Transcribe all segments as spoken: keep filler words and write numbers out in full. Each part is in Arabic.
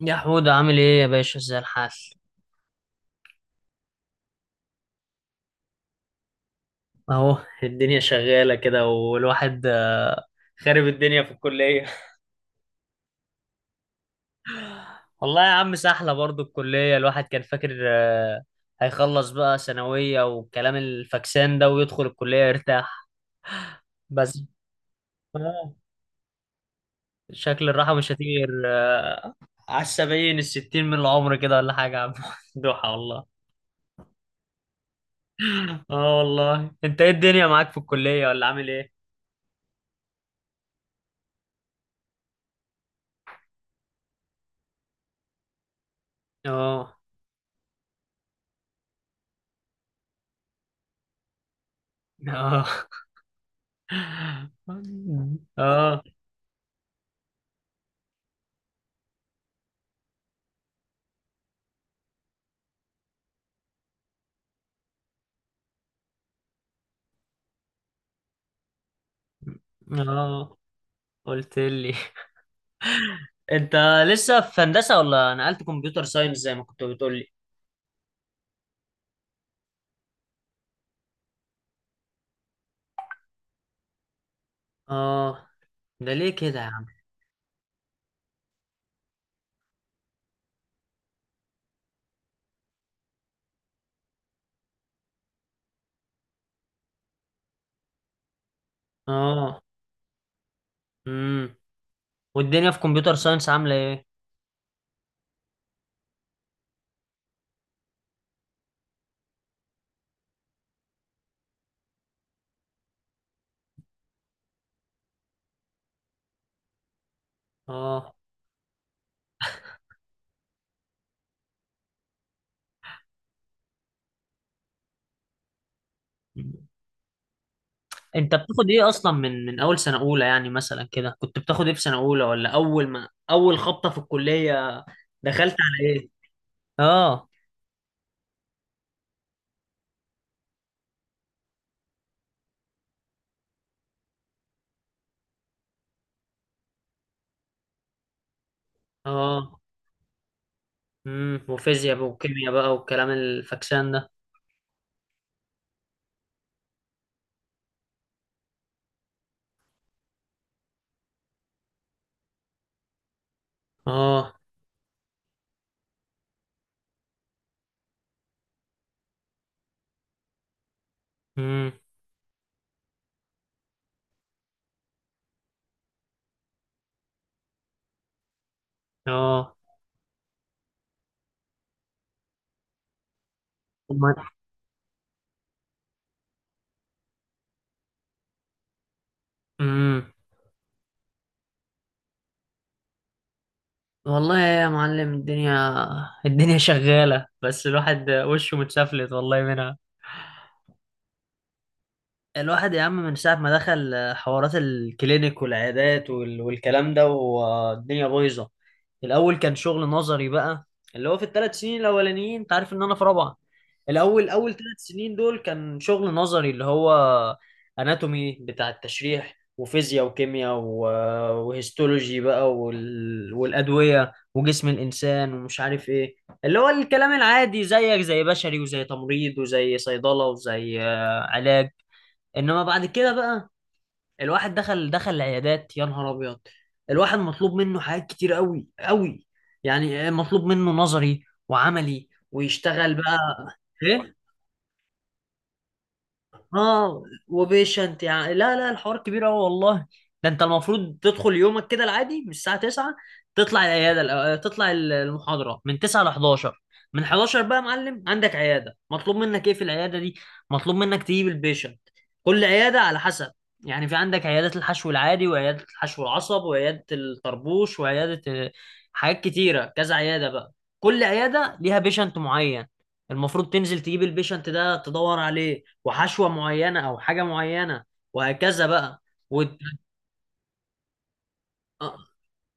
يا حود، عامل ايه يا باشا؟ ازاي الحال؟ اهو، الدنيا شغالة كده والواحد خارب الدنيا في الكلية. والله يا عم سحلة برضو الكلية. الواحد كان فاكر آه، هيخلص بقى ثانوية والكلام الفاكسان ده ويدخل الكلية يرتاح، بس آه، شكل الراحة مش هتيجي غير آه، على السبعين الستين من العمر كده ولا حاجة يا عم. دوحة والله. اه، والله انت ايه الدنيا معاك في الكلية ولا عامل ايه؟ اه. اه اه اه. قلت لي. انت لسه في هندسة ولا نقلت كمبيوتر ساينس زي ما كنت بتقول لي؟ اه. ده ليه كده يا عم؟ اه. امم. والدنيا في كمبيوتر ساينس عاملة ايه؟ اه. انت بتاخد ايه اصلا من من اول سنة اولى؟ يعني مثلا كده كنت بتاخد ايه في سنة اولى ولا اول ما اول خبطة في الكلية دخلت على ايه؟ اه. اه. امم. وفيزياء بقى وكيمياء بقى والكلام الفكسان ده. اه. امم. اه. امم. والله يا معلم، الدنيا الدنيا شغالة، بس الواحد وشه متسفلت والله منها. الواحد يا عم من ساعة ما دخل آه، حوارات الكلينيك والعيادات وال- والكلام ده، والدنيا بايظة. الأول كان شغل نظري بقى، اللي هو في الثلاث سنين الأولانيين. أنت عارف إن أنا في رابعة. الأول، أول ثلاث سنين دول كان شغل نظري، اللي هو أناتومي بتاع التشريح وفيزياء وكيمياء و- وهيستولوجي بقى وال... والأدوية وجسم الإنسان ومش عارف إيه، اللي هو الكلام العادي زيك، زي بشري وزي تمريض وزي صيدلة وزي آه، علاج. انما بعد كده بقى الواحد دخل دخل العيادات، يا نهار ابيض. الواحد مطلوب منه حاجات كتير قوي قوي. يعني إيه مطلوب منه؟ نظري وعملي ويشتغل بقى. ايه. اه، وبيشنت يعني. لا لا، الحوار كبير قوي والله. ده انت المفروض تدخل يومك كده العادي من الساعه تسعة، تطلع العياده. الأ- تطلع ال- المحاضره من تسعة ل حداشر. من حداشر بقى يا معلم عندك عياده، مطلوب منك ايه في العياده دي؟ مطلوب منك تجيب البيشنت. كل عياده على حسب، يعني في عندك عيادات الحشو العادي وعياده الحشو العصب وعياده الطربوش وعياده آه، حاجات كتيره، كذا عياده بقى. كل عياده ليها بيشنت معين، المفروض تنزل تجيب البيشنت ده، تدور عليه، وحشوة معينة أو حاجة معينة، وهكذا بقى. وت... آه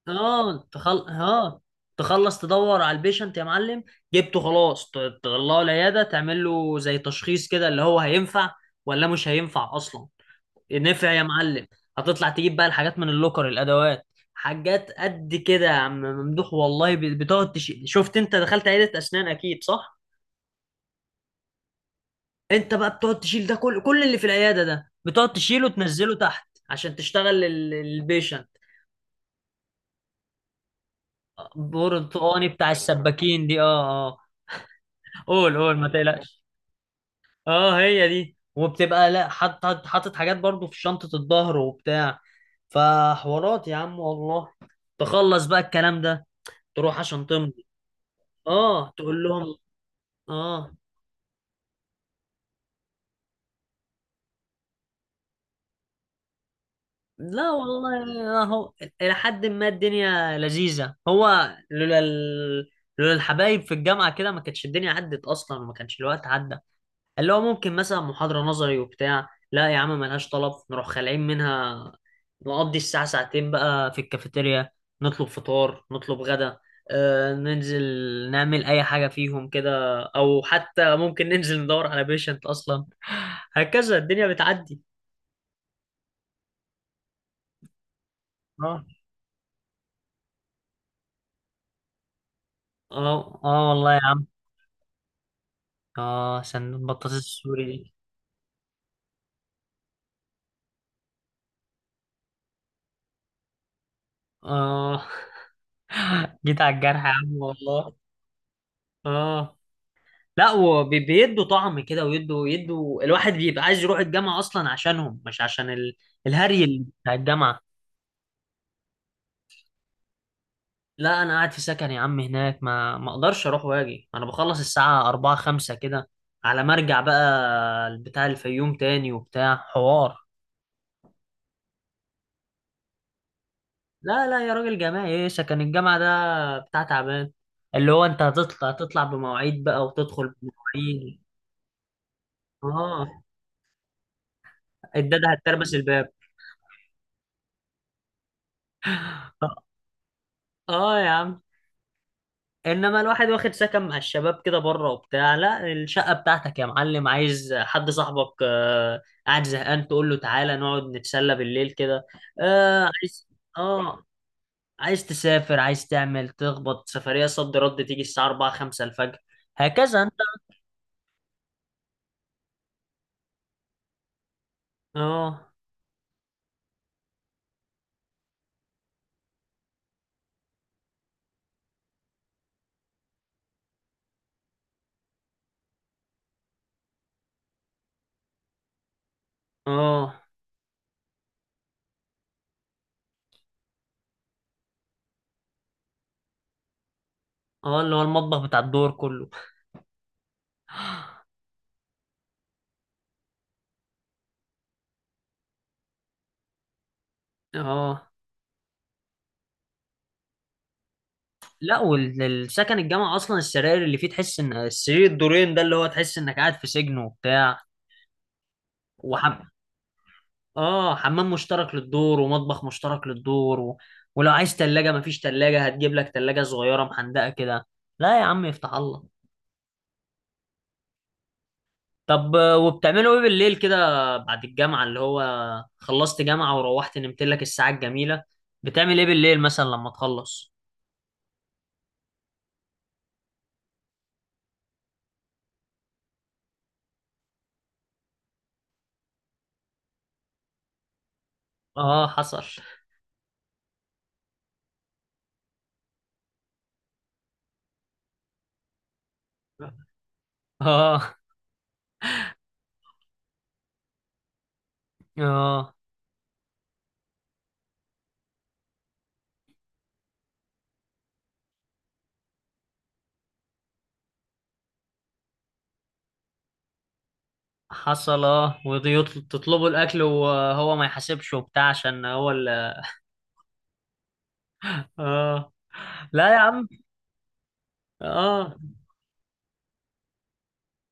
آه، تخل... آه تخلص تدور على البيشنت يا معلم، جبته خلاص. ت- تطلعه العيادة، تعمل له زي تشخيص كده، اللي هو هينفع ولا مش هينفع أصلا. نفع يا معلم. هتطلع تجيب بقى الحاجات من اللوكر، الأدوات، حاجات قد كده يا عم ممدوح والله. ب- بتقعد تش... شفت أنت دخلت عيادة أسنان أكيد صح؟ انت بقى بتقعد تشيل ده، كل كل اللي في العياده ده بتقعد تشيله وتنزله تحت عشان تشتغل ال- البيشنت. برتقاني بتاع السباكين دي، اه اه. قول قول، ما تقلقش. اه هي دي، وبتبقى، لا، حاطط حاطط حاطط حاجات برضو في شنطه الظهر وبتاع. فحوارات يا عم والله. تخلص بقى الكلام ده، تروح عشان تمضي. اه. تقول لهم اه. لا والله، هو إلى حد ما الدنيا لذيذة. هو لولا ال... لولا الحبايب في الجامعة كده، ما كانتش الدنيا عدت أصلا وما كانش الوقت عدى. اللي هو ممكن مثلا محاضرة نظري وبتاع، لا يا عم ملهاش طلب، نروح خالعين منها، نقضي الساعة ساعتين بقى في الكافيتيريا، نطلب فطار، نطلب غدا، آه ننزل، نعمل أي حاجة فيهم كده، أو حتى ممكن ننزل ندور على بيشنت أصلا. هكذا الدنيا بتعدي. اه اه. آه والله. اه، سندوتش بطاطس السوري دي. اه. جيت على الجرح يا عم والله. اه. لا، وبيدوا طعم كده، ويدوا يدوا الواحد بيبقى عايز يروح الجامعة أصلا عشانهم، مش عشان ال... الهري ال- بتاع الجامعة. لا أنا قاعد في سكن يا عم هناك، ما ما أقدرش أروح وأجي. أنا بخلص الساعة أربعة خمسة كده، على ما أرجع بقى بتاع الفيوم تاني وبتاع حوار. لا لا يا راجل، جامعي ايه؟ سكن الجامعة ده بتاع تعبان، اللي هو انت هتطلع هتطلع بمواعيد بقى وتدخل بمواعيد. اه، الداده هتتربس الباب. اه آه يا عم. انما الواحد واخد سكن مع الشباب كده بره وبتاع، لا، الشقة بتاعتك يا معلم، عايز حد صاحبك آه قاعد زهقان، تقول له تعالى نقعد نتسلى بالليل كده، آه عايز. اه، عايز تسافر، عايز تعمل تخبط سفرية صد رد، تيجي الساعة أربعة خمسة الفجر، هكذا انت. اه. اه. اه، اللي هو المطبخ بتاع الدور كله. اه. لا، والسكن الجامعة اصلا السراير اللي فيه، تحس ان السرير الدورين ده اللي هو، تحس انك قاعد في سجن وبتاع. وحم اه، حمام مشترك للدور ومطبخ مشترك للدور و... ولو عايز تلاجة مفيش تلاجة، هتجيب لك تلاجة صغيرة محندقة كده. لا يا عم يفتح الله. طب آه، وبتعملوا ايه بالليل كده؟ بعد الجامعة، اللي هو خلصت جامعة وروحت نمت لك الساعة الجميلة، بتعمل ايه بالليل مثلا لما تخلص؟ اه، حصل. اه. اه، حصل. اه وتطلبوا الاكل وهو ما يحاسبش وبتاع عشان هو ال. اه. لا يا عم. اه.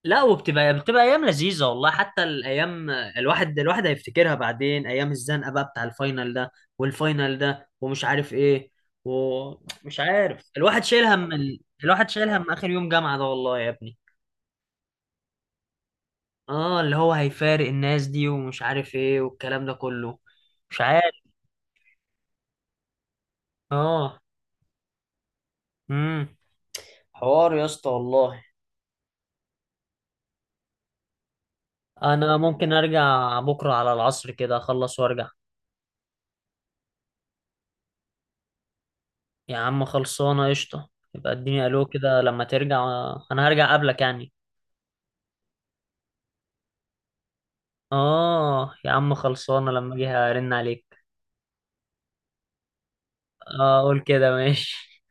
لا وبتبقى، بتبقى ايام لذيذه والله. حتى الايام، الواحد الواحد هيفتكرها بعدين، ايام الزنقه بقى بتاع الفاينل ده، والفاينل ده ومش عارف ايه، ومش عارف الواحد شايل هم ال... الواحد شايل هم اخر يوم جامعه ده والله يا ابني. اه، اللي هو هيفارق الناس دي ومش عارف ايه والكلام ده كله. مش عارف. اه. امم. حوار يا اسطى والله. انا ممكن ارجع بكره على العصر كده، اخلص وارجع. يا عم خلصانه، قشطه. يبقى اديني الو كده لما ترجع. انا هرجع قبلك يعني. اه يا عم، خلصانه، لما اجي هرن عليك. اه قول كده، ماشي.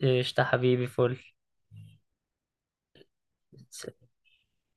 قشطه حبيبي، فل.